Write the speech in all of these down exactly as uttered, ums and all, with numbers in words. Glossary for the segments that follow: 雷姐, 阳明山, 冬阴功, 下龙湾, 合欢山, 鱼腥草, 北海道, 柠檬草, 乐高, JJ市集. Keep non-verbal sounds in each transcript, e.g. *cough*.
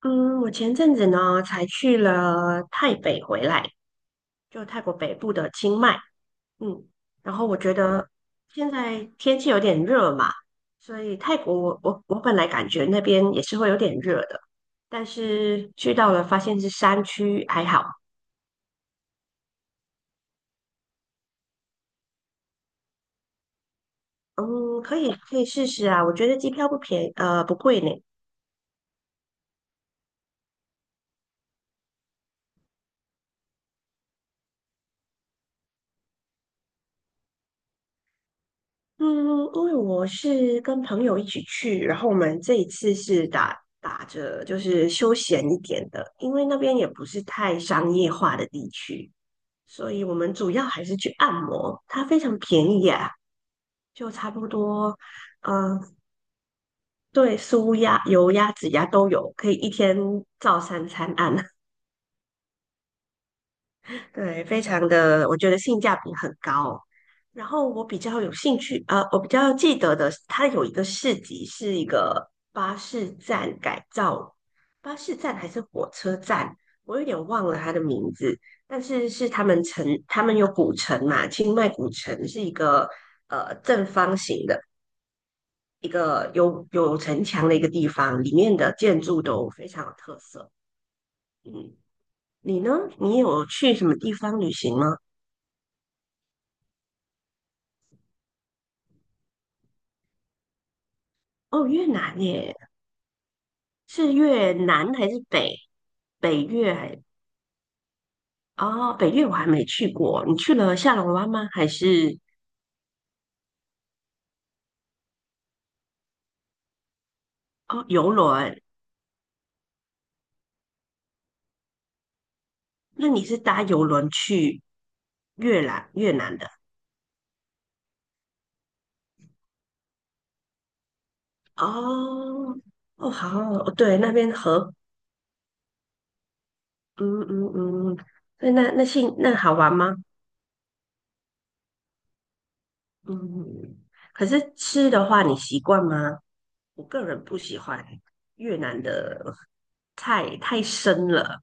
嗯，我前阵子呢才去了泰北回来，就泰国北部的清迈。嗯，然后我觉得现在天气有点热嘛，所以泰国我我我本来感觉那边也是会有点热的，但是去到了发现是山区，还好。嗯，可以可以试试啊，我觉得机票不便，呃，不贵呢。嗯，因为我是跟朋友一起去，然后我们这一次是打打着就是休闲一点的，因为那边也不是太商业化的地区，所以我们主要还是去按摩，它非常便宜啊，就差不多，嗯、对，舒压、油压、指压都有，可以一天照三餐按。对，非常的，我觉得性价比很高。然后我比较有兴趣，呃，我比较记得的，它有一个市集，是一个巴士站改造，巴士站还是火车站，我有点忘了它的名字。但是是他们城，他们有古城嘛，清迈古城是一个呃正方形的一个有有城墙的一个地方，里面的建筑都非常有特色。嗯，你呢？你有去什么地方旅行吗？哦，越南耶，是越南还是北北越还？哦，北越我还没去过。你去了下龙湾吗？还是哦游轮？那你是搭游轮去越南越南的？哦哦，好哦，对，那边河，嗯嗯嗯，那那那性那好玩吗？嗯，可是吃的话你习惯吗？我个人不喜欢越南的菜，太深了。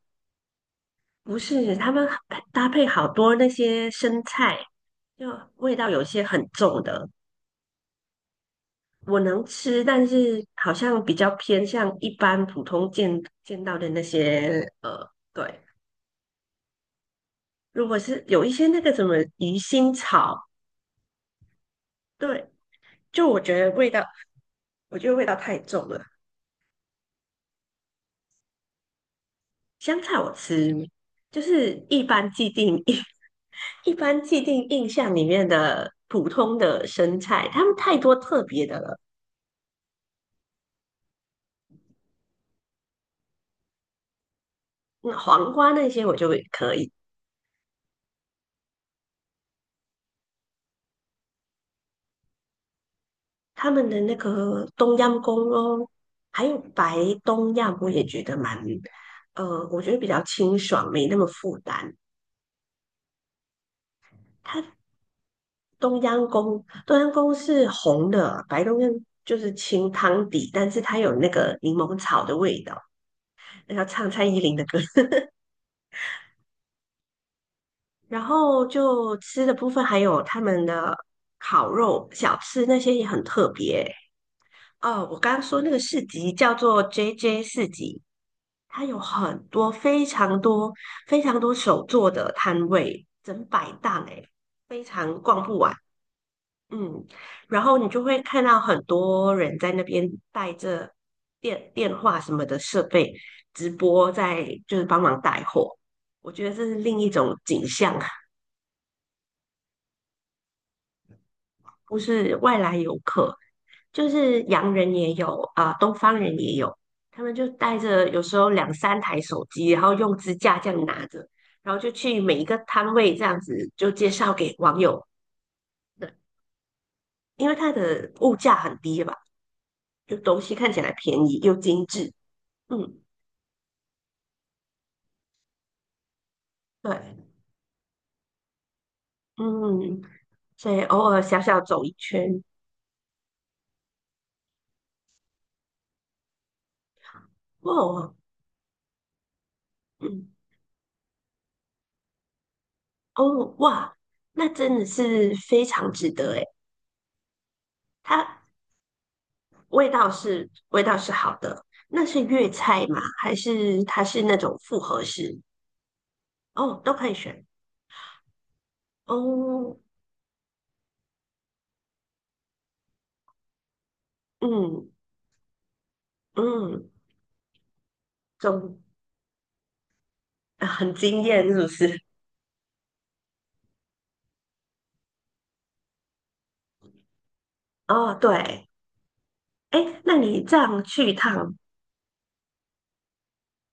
不是，他们搭配好多那些生菜，就味道有些很重的，我能吃，但是好像比较偏向一般普通见见到的那些呃，对。如果是有一些那个什么鱼腥草，对，就我觉得味道，我觉得味道太重了。香菜我吃，就是一般既定印 *laughs* 一般既定印象里面的普通的生菜，他们太多特别的了。嗯黄瓜那些我就可以，他们的那个冬阴功哦，还有白冬阴我也觉得蛮，呃，我觉得比较清爽，没那么负担。冬阴功冬阴功是红的，白东阳就是清汤底，但是它有那个柠檬草的味道，那唱蔡依林的歌，*laughs* 然后就吃的部分还有他们的烤肉小吃那些也很特别。哦，我刚刚说那个市集叫做 J J 市集，它有很多非常多非常多手作的摊位，整百档诶，非常逛不完。嗯，然后你就会看到很多人在那边带着电电话什么的设备直播在，就是帮忙带货。我觉得这是另一种景象。不是外来游客，就是洋人也有啊、东方人也有，他们就带着有时候两三台手机，然后用支架这样拿着，然后就去每一个摊位这样子就介绍给网友的，因为它的物价很低吧，就东西看起来便宜又精致，嗯，对，嗯，所以偶尔小小走一圈，哇，嗯，哦，哇，那真的是非常值得诶。它味道是味道是好的，那是粤菜吗？还是它是那种复合式？哦，都可以选。哦，嗯嗯，总啊很惊艳是不是？哦，对，哎，那你这样去一趟，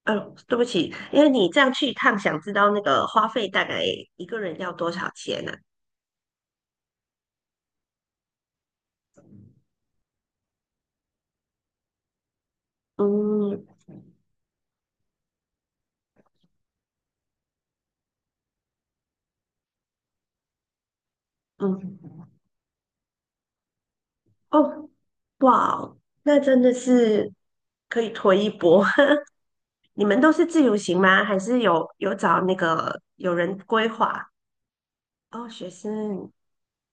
呃，对不起，因为你这样去一趟，想知道那个花费大概一个人要多少钱呢、嗯嗯，哦，哇哦，那真的是可以推一波。你们都是自由行吗？还是有有找那个有人规划？哦，学生，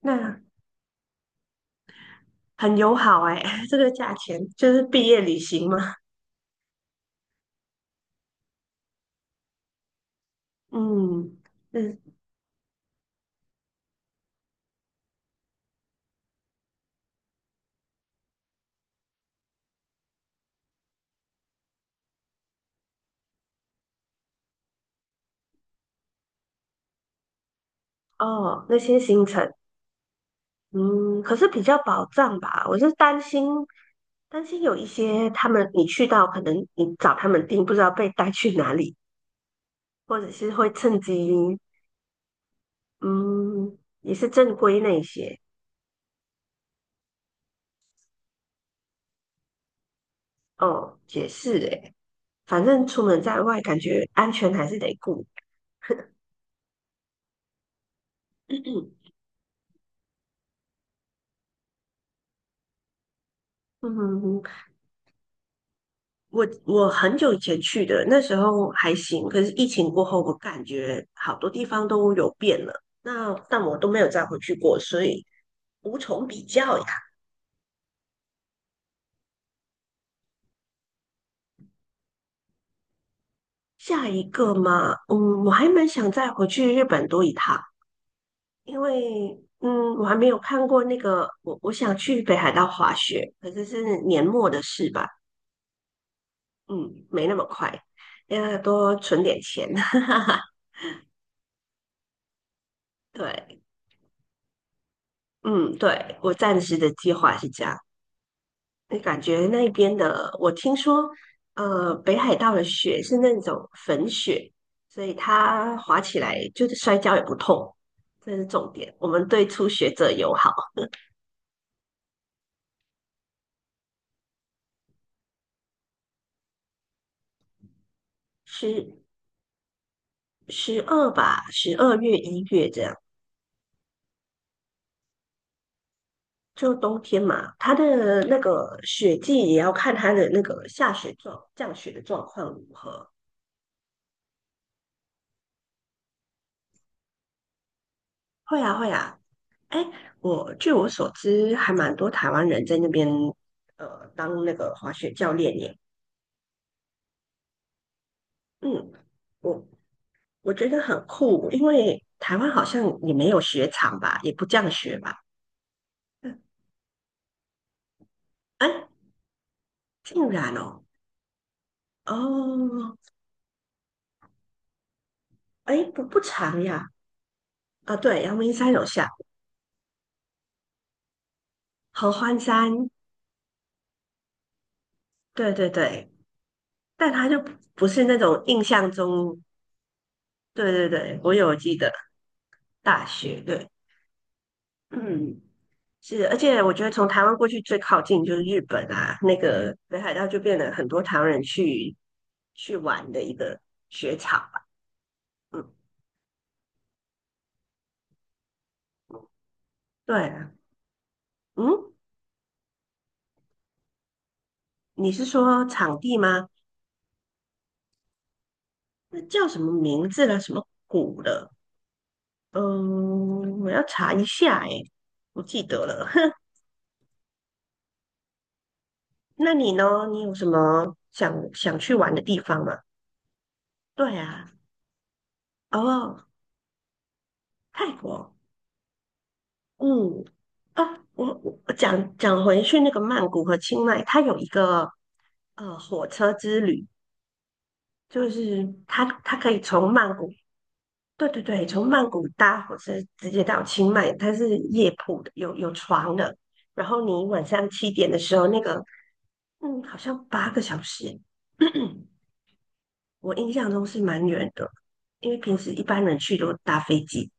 那很友好哎，*laughs* 这个价钱就是毕业旅行嘛。嗯，那哦那些行程，嗯，可是比较保障吧。我是担心担心有一些他们你去到，可能你找他们订，不知道被带去哪里，或者是会趁机，嗯，也是正规那一些。哦，解是诶，反正出门在外，感觉安全还是得顾。*clears throat* 嗯，我我很久以前去的，那时候还行，可是疫情过后，我感觉好多地方都有变了。那但我都没有再回去过，所以无从比较呀。下一个嘛，嗯，我还蛮想再回去日本多一趟，因为嗯，我还没有看过那个，我我想去北海道滑雪，可是是年末的事吧，嗯，没那么快，要多存点钱。*laughs* 对，嗯，对，我暂时的计划是这样。那感觉那边的，我听说，呃，北海道的雪是那种粉雪，所以它滑起来就是摔跤也不痛，这是重点。我们对初学者友好，十十二吧，十二月一月这样，就冬天嘛。它的那个雪季也要看它的那个下雪状降雪的状况如何。会啊，会啊，哎，我据我所知，还蛮多台湾人在那边呃当那个滑雪教练耶。嗯，我我觉得很酷，因为台湾好像也没有雪场吧，也不这样学吧。嗯，哎，竟然哦，哦，哎，不不长呀。啊，对，阳明山有下，合欢山，对对对，但它就不不是那种印象中，对对对，我有记得大学，对，嗯。是，而且我觉得从台湾过去最靠近就是日本啊，那个北海道就变得很多台湾人去去玩的一个雪场吧。嗯，对啊，嗯，你是说场地吗？那叫什么名字了？什么谷了？嗯，我要查一下诶，不记得了。*laughs* 哼，那你呢？你有什么想想去玩的地方吗？对啊，哦，泰国。嗯，啊，我我讲讲回去那个曼谷和清迈，它有一个呃火车之旅，就是它它可以从曼谷，对对对，从曼谷搭火车直接到清迈，它是夜铺的，有有床的，然后你晚上七点的时候，那个嗯，好像八个小时，*clears throat* 我印象中是蛮远的，因为平时一般人去都搭飞机，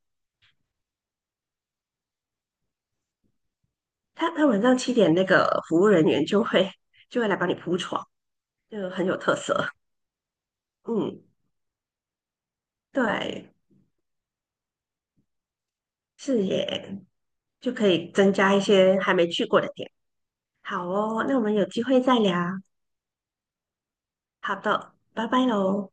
他他晚上七点那个服务人员就会就会来帮你铺床，就很有特色。嗯，对，是耶，就可以增加一些还没去过的点。好哦，那我们有机会再聊。好的，拜拜喽。